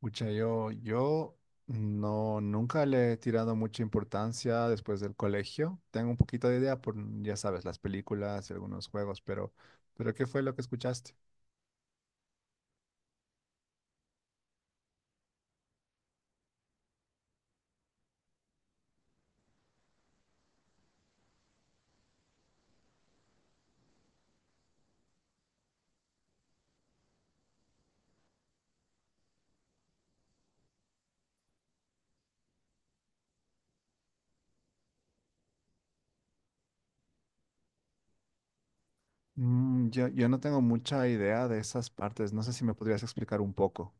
Pucha, yo no, nunca le he tirado mucha importancia después del colegio. Tengo un poquito de idea por, ya sabes, las películas y algunos juegos, pero ¿qué fue lo que escuchaste? Mm, yo no tengo mucha idea de esas partes. No sé si me podrías explicar un poco.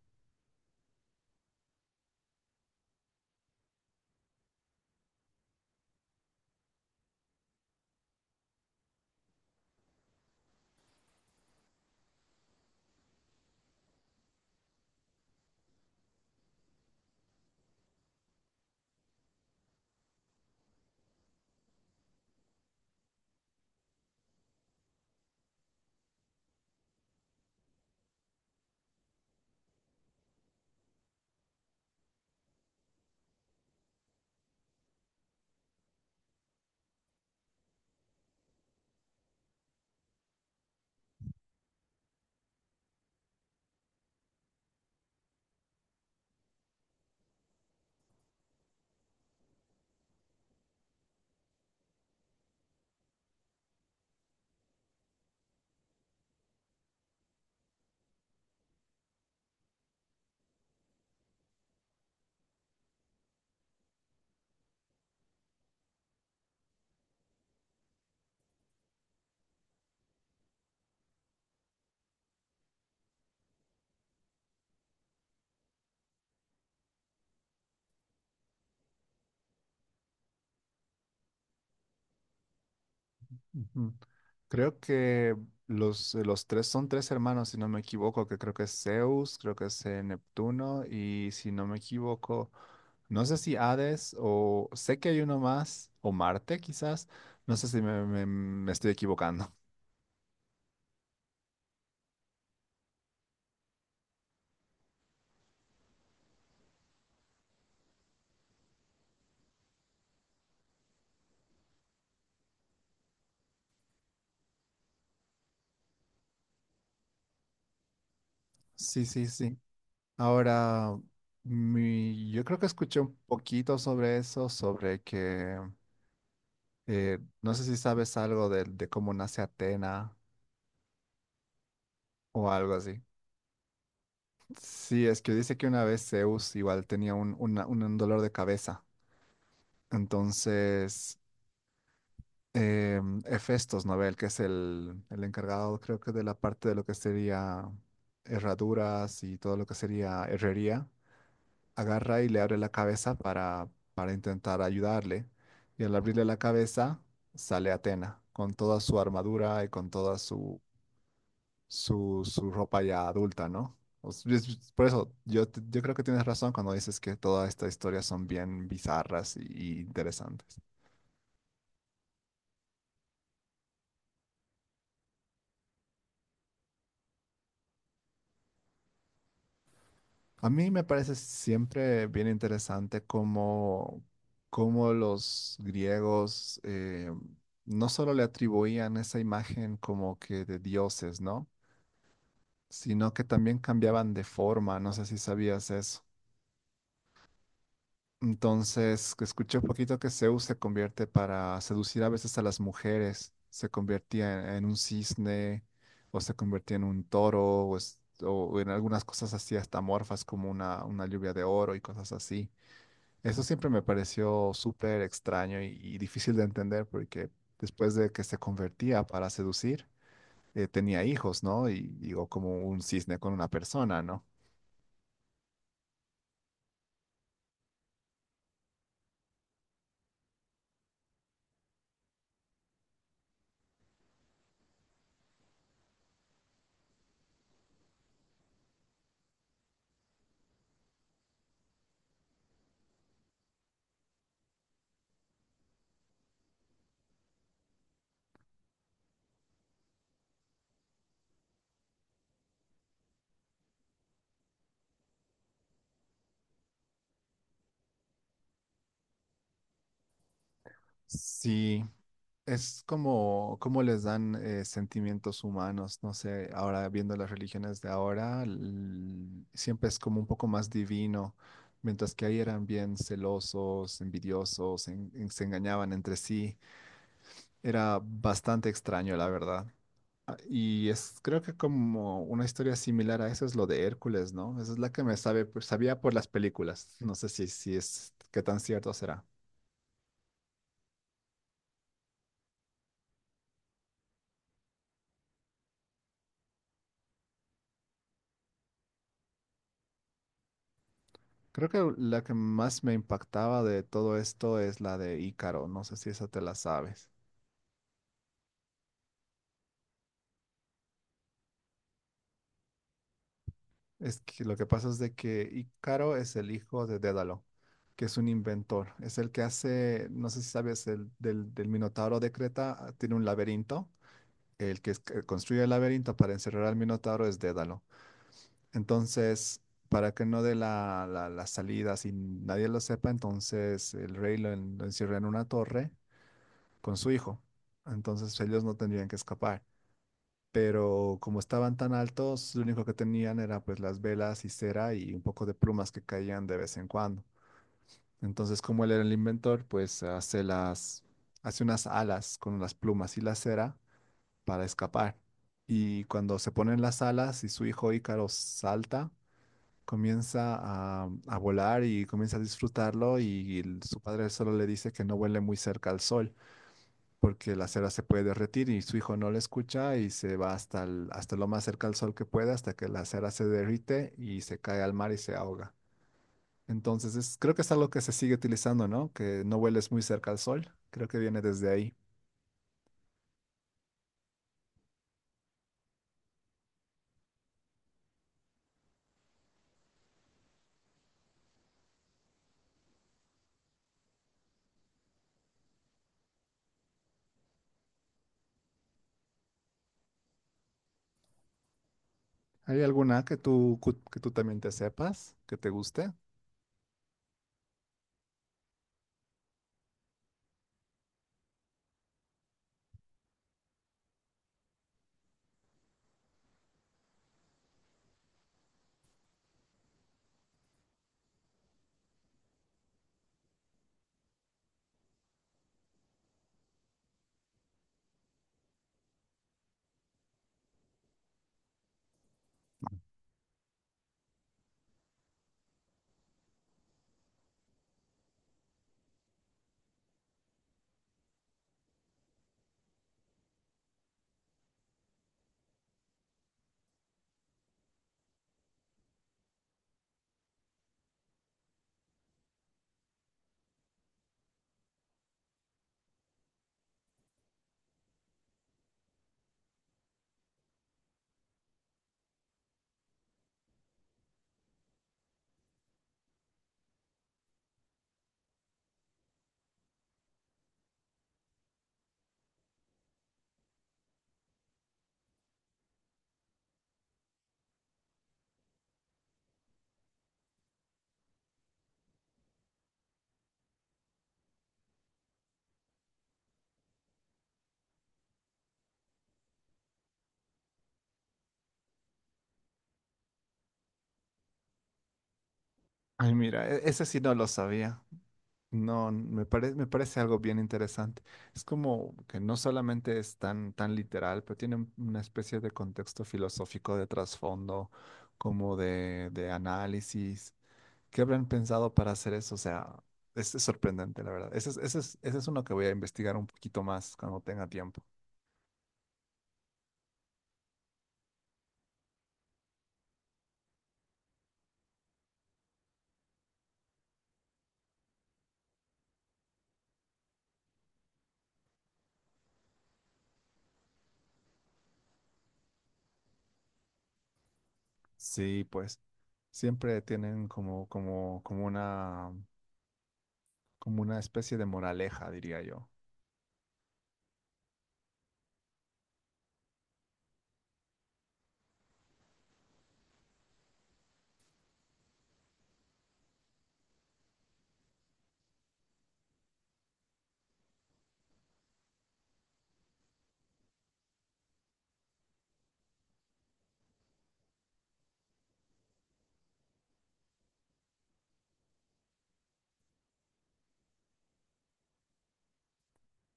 Ujú. Creo que los tres son tres hermanos, si no me equivoco, que creo que es Zeus, creo que es Neptuno y si no me equivoco, no sé si Hades o sé que hay uno más, o Marte quizás, no sé si me estoy equivocando. Sí, sí, sí. Ahora, yo creo que escuché un poquito sobre eso, sobre que no sé si sabes algo de cómo nace Atena o algo así. Sí, es que dice que una vez Zeus igual tenía un, un dolor de cabeza. Entonces, eh, Hefestos, ¿no ve? El que es el encargado, creo que de la parte de lo que sería herraduras y todo lo que sería herrería, agarra y le abre la cabeza para intentar ayudarle. Y al abrirle la cabeza, sale Atena con toda su armadura y con toda su, su ropa ya adulta, ¿no? O s- es- Por eso, yo, yo creo que tienes razón cuando dices que todas estas historias son bien bizarras y interesantes. A mí me parece siempre bien interesante cómo, cómo los griegos no solo le atribuían esa imagen como que de dioses, ¿no? Sino que también cambiaban de forma, no sé si sabías eso. Entonces, que escuché un poquito que Zeus se convierte para seducir a veces a las mujeres. Se convertía en un cisne, o se convertía en un toro, o, es- o en algunas cosas así hasta morfas como una lluvia de oro y cosas así. Eso siempre me pareció súper extraño y difícil de entender porque después de que se convertía para seducir, tenía hijos, ¿no? Y digo, como un cisne con una persona, ¿no? Sí, es como, como les dan sentimientos humanos, no sé, ahora viendo las religiones de ahora, siempre es como un poco más divino, mientras que ahí eran bien celosos, envidiosos, se engañaban entre sí, era bastante extraño, la verdad. Ah, y es, creo que como una historia similar a eso es lo de Hércules, ¿no? Esa es la que me sabe, pues, sabía por las películas, no sé si, si es, qué tan cierto será. Creo que la que más me impactaba de todo esto es la de Ícaro. No sé si esa te la sabes. Es que lo que pasa es de que Ícaro es el hijo de Dédalo, que es un inventor. Es el que hace, no sé si sabes, el del, del Minotauro de Creta tiene un laberinto. El que que construye el laberinto para encerrar al Minotauro es Dédalo. Entonces, para que no dé la, la, la salida, si nadie lo sepa, entonces el rey lo lo encierra en una torre con su hijo. Entonces ellos no tendrían que escapar. Pero como estaban tan altos, lo único que tenían era pues las velas y cera y un poco de plumas que caían de vez en cuando. Entonces, como él era el inventor, pues hace unas alas con las plumas y la cera para escapar. Y cuando se ponen las alas y su hijo Ícaro salta, comienza a volar y comienza a disfrutarlo y su padre solo le dice que no vuele muy cerca al sol porque la cera se puede derretir y su hijo no la escucha y se va hasta, hasta lo más cerca al sol que puede hasta que la cera se derrite y se cae al mar y se ahoga. Entonces, creo que es algo que se sigue utilizando, ¿no? Que no vueles muy cerca al sol. Creo que viene desde ahí. ¿Hay alguna que tú, que tú también te sepas, que te guste? Ay, mira, ese sí no lo sabía. No, me parece algo bien interesante. Es como que no solamente es tan, tan literal, pero tiene una especie de contexto filosófico de trasfondo, como de análisis. ¿Qué habrán pensado para hacer eso? O sea, es sorprendente, la verdad. Ese es, ese es, ese es uno que voy a investigar un poquito más cuando tenga tiempo. Sí, pues siempre tienen como, como, como una especie de moraleja, diría yo.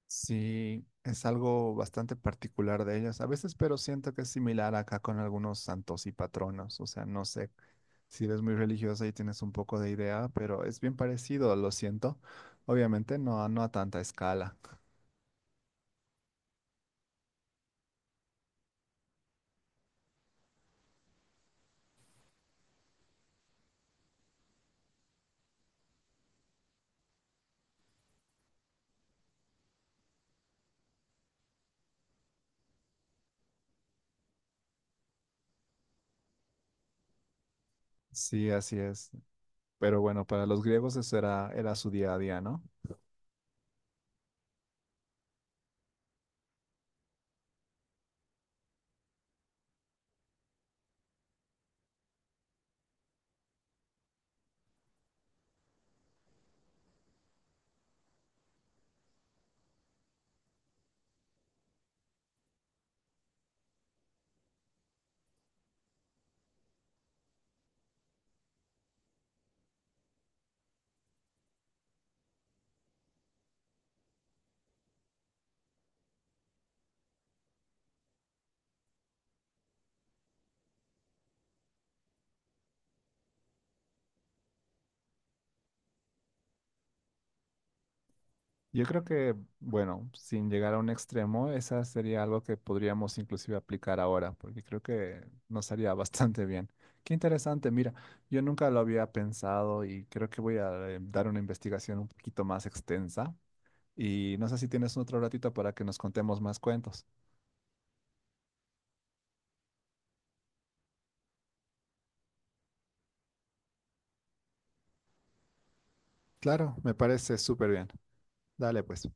Sí, es algo bastante particular de ellas a veces, pero siento que es similar acá con algunos santos y patronos. O sea, no sé si eres muy religiosa y tienes un poco de idea, pero es bien parecido, lo siento. Obviamente no, no a tanta escala. Sí, así es. Pero bueno, para los griegos eso era, era su día a día, ¿no? Yo creo que, bueno, sin llegar a un extremo, esa sería algo que podríamos inclusive aplicar ahora, porque creo que nos haría bastante bien. Qué interesante, mira, yo nunca lo había pensado y creo que voy a dar una investigación un poquito más extensa y no sé si tienes otro ratito para que nos contemos más cuentos. Claro, me parece súper bien. Dale, pues.